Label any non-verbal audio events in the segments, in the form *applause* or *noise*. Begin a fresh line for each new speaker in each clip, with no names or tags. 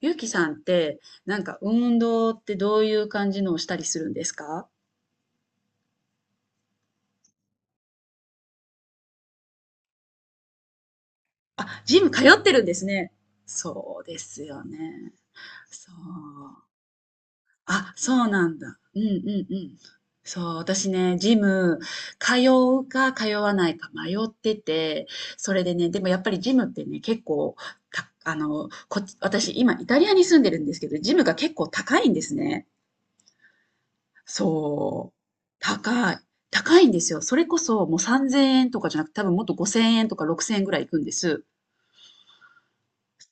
ゆうきさんって、なんか運動ってどういう感じのをしたりするんですか？ジム通ってるんですね。そうですよね。そう。あ、そうなんだ。うんうんうん。そう、私ね、ジム、通うか通わないか迷ってて、それでね、でもやっぱりジムってね、結構、た、あの、こっち、私今イタリアに住んでるんですけど、ジムが結構高いんですね。そう。高い。高いんですよ。それこそもう3000円とかじゃなくて、多分もっと5000円とか6000円ぐらいいくんです。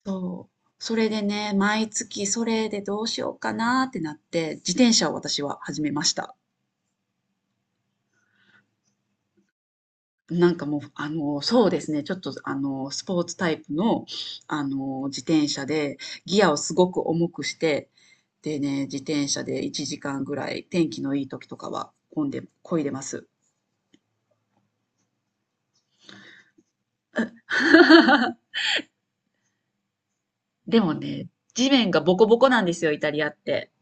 そう。それでね、毎月それでどうしようかなってなって、自転車を私は始めました。なんかもう、そうですね、ちょっと、あの、スポーツタイプの、自転車で、ギアをすごく重くして、でね、自転車で1時間ぐらい、天気のいい時とかは、混んで、漕いでます。*laughs* でもね、地面がボコボコなんですよ、イタリアって。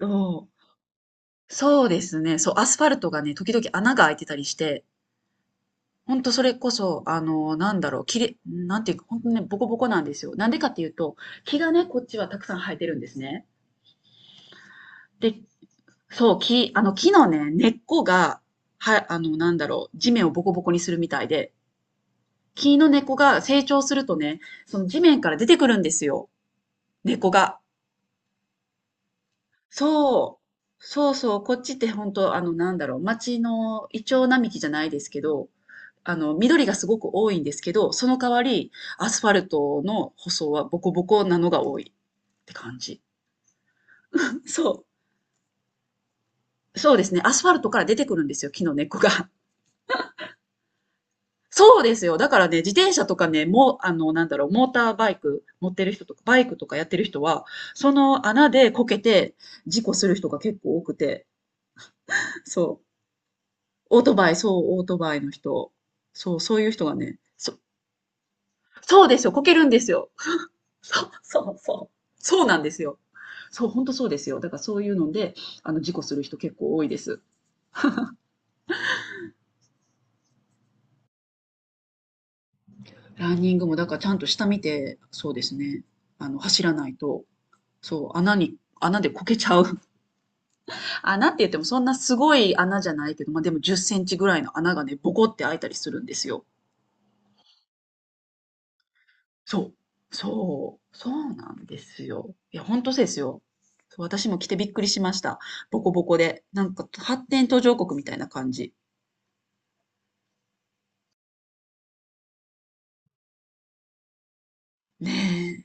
そう。そうですね。そう、アスファルトがね、時々穴が開いてたりして、ほんとそれこそ、なんていうか、ほんとね、ボコボコなんですよ。なんでかっていうと、木がね、こっちはたくさん生えてるんですね。で、そう、木のね、根っこが、は、あの、なんだろう、地面をボコボコにするみたいで、木の根っこが成長するとね、その地面から出てくるんですよ、根っこが。そう。そうそう、こっちって本当町のイチョウ並木じゃないですけど、緑がすごく多いんですけど、その代わり、アスファルトの舗装はボコボコなのが多いって感じ。そう。そうですね、アスファルトから出てくるんですよ、木の根っこが。*laughs* そうですよ。だからね、自転車とかね、もうあの、なんだろう、モーターバイク持ってる人とか、バイクとかやってる人は、その穴でこけて事故する人が結構多くて、そう。オートバイ、そう、オートバイの人。そう、そういう人がね、そ、そうですよ、こけるんですよ。そう、そう、そう。そうなんですよ。そう、本当そうですよ。だからそういうので、事故する人結構多いです。ランニングも、だからちゃんと下見て、そうですね、走らないと、そう、穴でこけちゃう。*laughs* 穴って言ってもそんなすごい穴じゃないけど、まあ、でも10センチぐらいの穴がね、ボコって開いたりするんですよ。そう。そう。そうなんですよ。いや、本当そうですよ。そう、私も着てびっくりしました。ボコボコで。なんか発展途上国みたいな感じ。ねえ。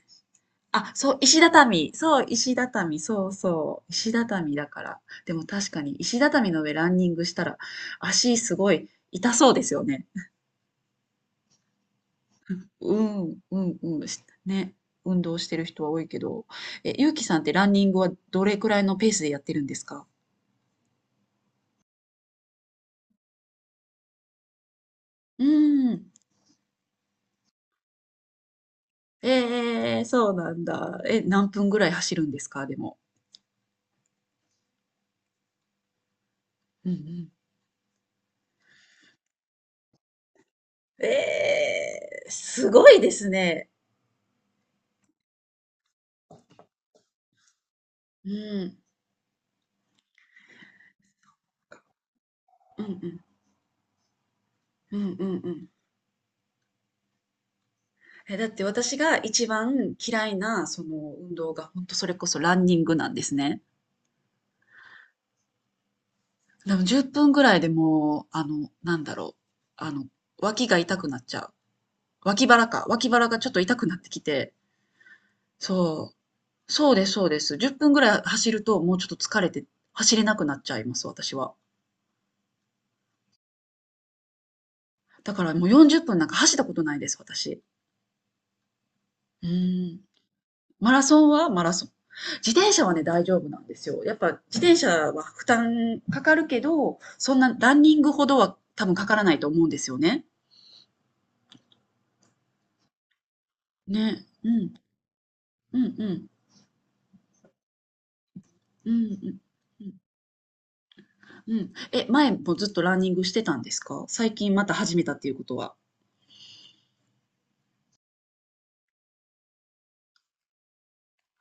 あ、そう、石畳。そう、石畳。そうそう。石畳だから。でも確かに石畳の上ランニングしたら足すごい痛そうですよね。うん、うん、うん。ね。運動してる人は多いけど。え、ゆうきさんってランニングはどれくらいのペースでやってるんですか？うーん。ええ、そうなんだ。え、何分ぐらい走るんですか？でも。うんうん。ええ、すごいですね。うん。うんうん。うんうんうん。え、だって私が一番嫌いなその運動が本当それこそランニングなんですね。でも10分ぐらいでもう、あの、脇が痛くなっちゃう。脇腹がちょっと痛くなってきて、そう。そうですそうです。10分ぐらい走るともうちょっと疲れて走れなくなっちゃいます、私は。だからもう40分なんか走ったことないです、私。うん。マラソンはマラソン。自転車はね、大丈夫なんですよ。やっぱ自転車は負担かかるけど、そんなランニングほどは多分かからないと思うんですよね。ね。うん。うんうん。うんうん。うん。うん。え、前もずっとランニングしてたんですか？最近また始めたっていうことは。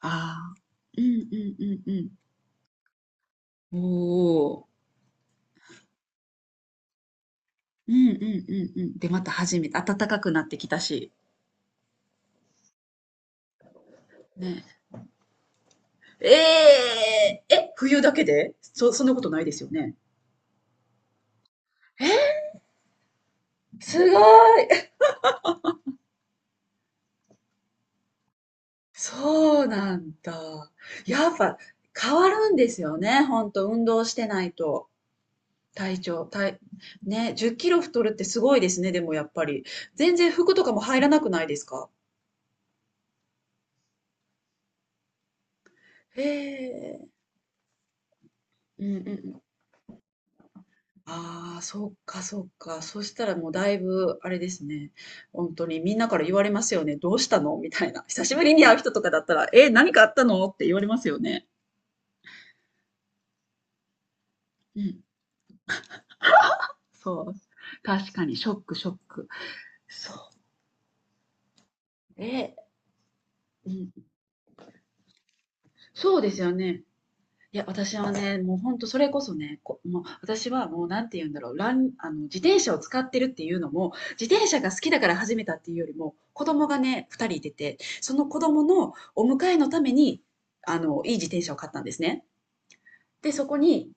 ああ。うんうんうんうん。おお。うんうんうんうん。で、また始めた暖かくなってきたし。ね。えええ、冬だけでそんなことないですよね。えー、すごい。そうなんだ。やっぱ変わるんですよね。ほんと、運動してないと。体、ね、10キロ太るってすごいですね。でもやっぱり。全然服とかも入らなくないですか？へえ。うんうんうん、ああ、そっかそっか。そしたらもうだいぶあれですね。本当にみんなから言われますよね。「どうしたの？」みたいな。久しぶりに会う人とかだったら、「え、何かあったの？」って言われますよね。うん。そう。確かにショックショック。そう。え、うん。そうですよね。いや、私はね、もう本当それこそね、こもう私はもうなんて言うんだろう、ランあの、自転車を使ってるっていうのも、自転車が好きだから始めたっていうよりも、子供がね、2人いてて、その子供のお迎えのために、いい自転車を買ったんですね。で、そこに、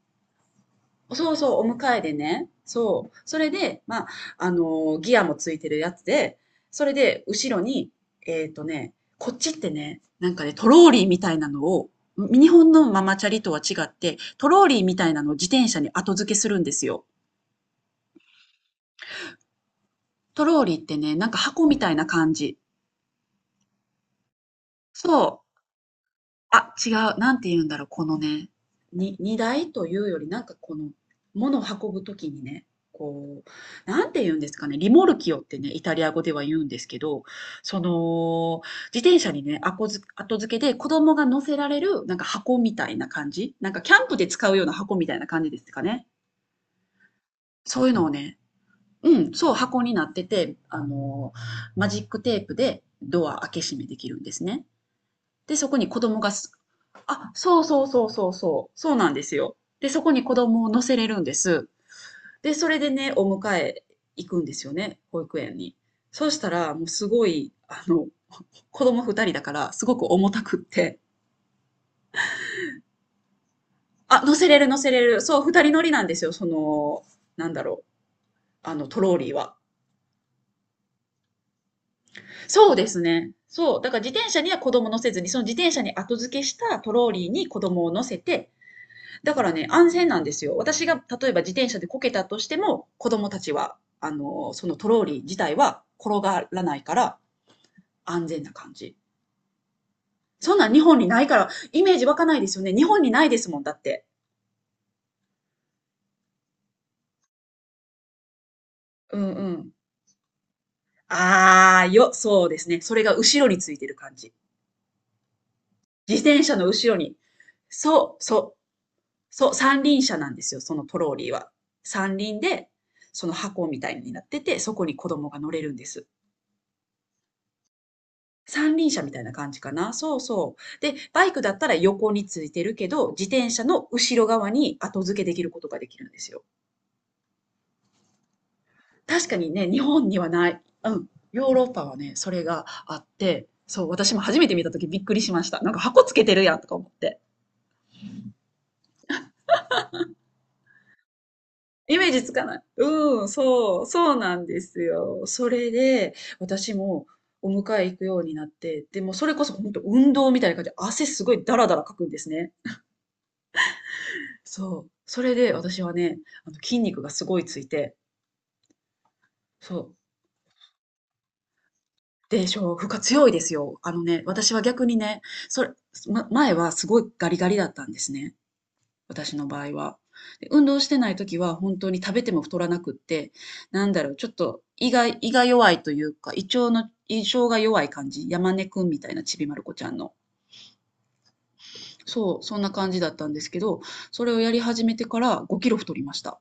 そうそう、お迎えでね。そう。それで、まあ、ギアもついてるやつで、それで、後ろに、えっとね、こっちってね、なんかね、トローリーみたいなのを、日本のママチャリとは違って、トローリーみたいなのを自転車に後付けするんですよ。トローリーってね、なんか箱みたいな感じ。そう。あ、違う。なんて言うんだろう、このね、荷台というより、なんかこの、物を運ぶときにね、こう、なんて言うんですかね、リモルキオってね、イタリア語では言うんですけど、その、自転車にね、あこづ後付けで子供が乗せられる、なんか箱みたいな感じ、なんかキャンプで使うような箱みたいな感じですかね。そういうのをね、うん、そう、箱になってて、マジックテープでドア開け閉めできるんですね。で、そこに子供がす、あ、そうそうそうそうそう、そうなんですよ。で、そこに子供を乗せれるんです。で、それでね、お迎え行くんですよね、保育園に。そうしたら、もうすごい、子供二人だから、すごく重たくって、あ、乗せれる乗せれる。そう、二人乗りなんですよ、なんだろう、トローリーは。そうですね。そう。だから自転車には子供乗せずに、その自転車に後付けしたトローリーに子供を乗せて、だからね、安全なんですよ。私が例えば自転車でこけたとしても、子供たちは、そのトローリー自体は転がらないから安全な感じ。そんなん日本にないから、イメージ湧かないですよね。日本にないですもん、だって。うんうん。あーよ、そうですね。それが後ろについてる感じ。自転車の後ろに。そう、そう、そう、三輪車なんですよ、そのトローリーは。三輪で、その箱みたいになってて、そこに子供が乗れるんです。三輪車みたいな感じかな。そうそう。で、バイクだったら横についてるけど、自転車の後ろ側に後付けできることができるんですよ。確かにね、日本にはない。うん。ヨーロッパはね、それがあって、そう、私も初めて見た時びっくりしました。なんか箱つけてるやんとか思って。イメージつかない。うん、そう、そうなんですよ。それで、私もお迎え行くようになって、でもそれこそ本当運動みたいな感じで汗すごいダラダラかくんですね。そう。それで私はね、筋肉がすごいついて、そう。で、負荷強いですよ。あのね、私は逆にね、それ、ま、前はすごいガリガリだったんですね。私の場合は。で、運動してない時は本当に食べても太らなくって、なんだろう、ちょっと胃が弱いというか、胃腸が弱い感じ、山根くんみたいなちびまる子ちゃんの。そう、そんな感じだったんですけど、それをやり始めてから5キロ太りました。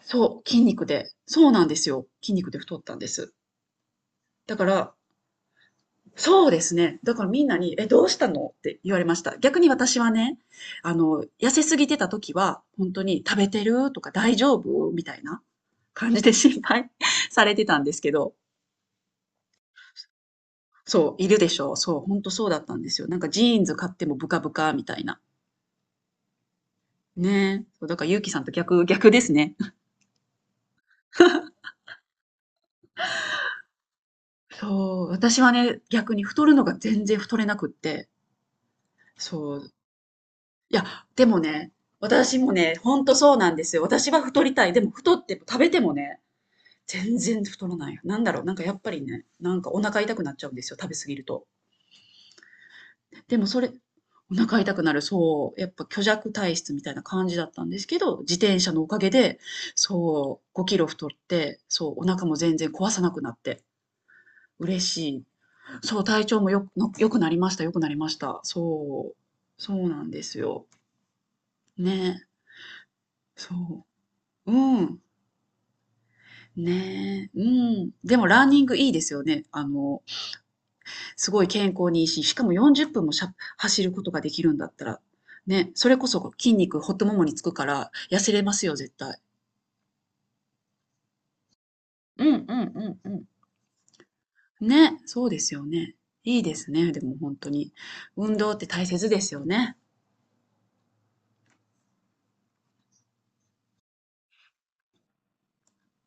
そう、筋肉で。そうなんですよ。筋肉で太ったんです。だから、そうですね。だからみんなに、どうしたのって言われました。逆に私はね、痩せすぎてた時は、本当に食べてるとか大丈夫みたいな感じで心配 *laughs* されてたんですけど、そう、いるでしょう。そう、本当そうだったんですよ。なんかジーンズ買ってもブカブカみたいな。ねえ。そうだから、ゆうきさんと逆ですね。そう、私はね、逆に太るのが全然太れなくって、そう、いや、でもね、私もね、ほんとそうなんですよ。私は太りたい。でも太っても食べてもね、全然太らない。なんだろう、なんかやっぱりね、なんかお腹痛くなっちゃうんですよ、食べ過ぎると。でもそれ、お腹痛くなる、そう、やっぱ虚弱体質みたいな感じだったんですけど、自転車のおかげで、そう、5キロ太って、そう、お腹も全然壊さなくなって、嬉しい。そう、体調もよく、の良くなりました、良くなりました。そう、そうなんですよ。ね、そう、うん。ねえ、うん。でもランニングいいですよね。すごい健康にいいし、しかも40分も走ることができるんだったら、ね、それこそ筋肉、ほっとももにつくから、痩せれますよ、絶対。うんうんうんうん。ね、そうですよね。いいですね、でも本当に。運動って大切ですよね。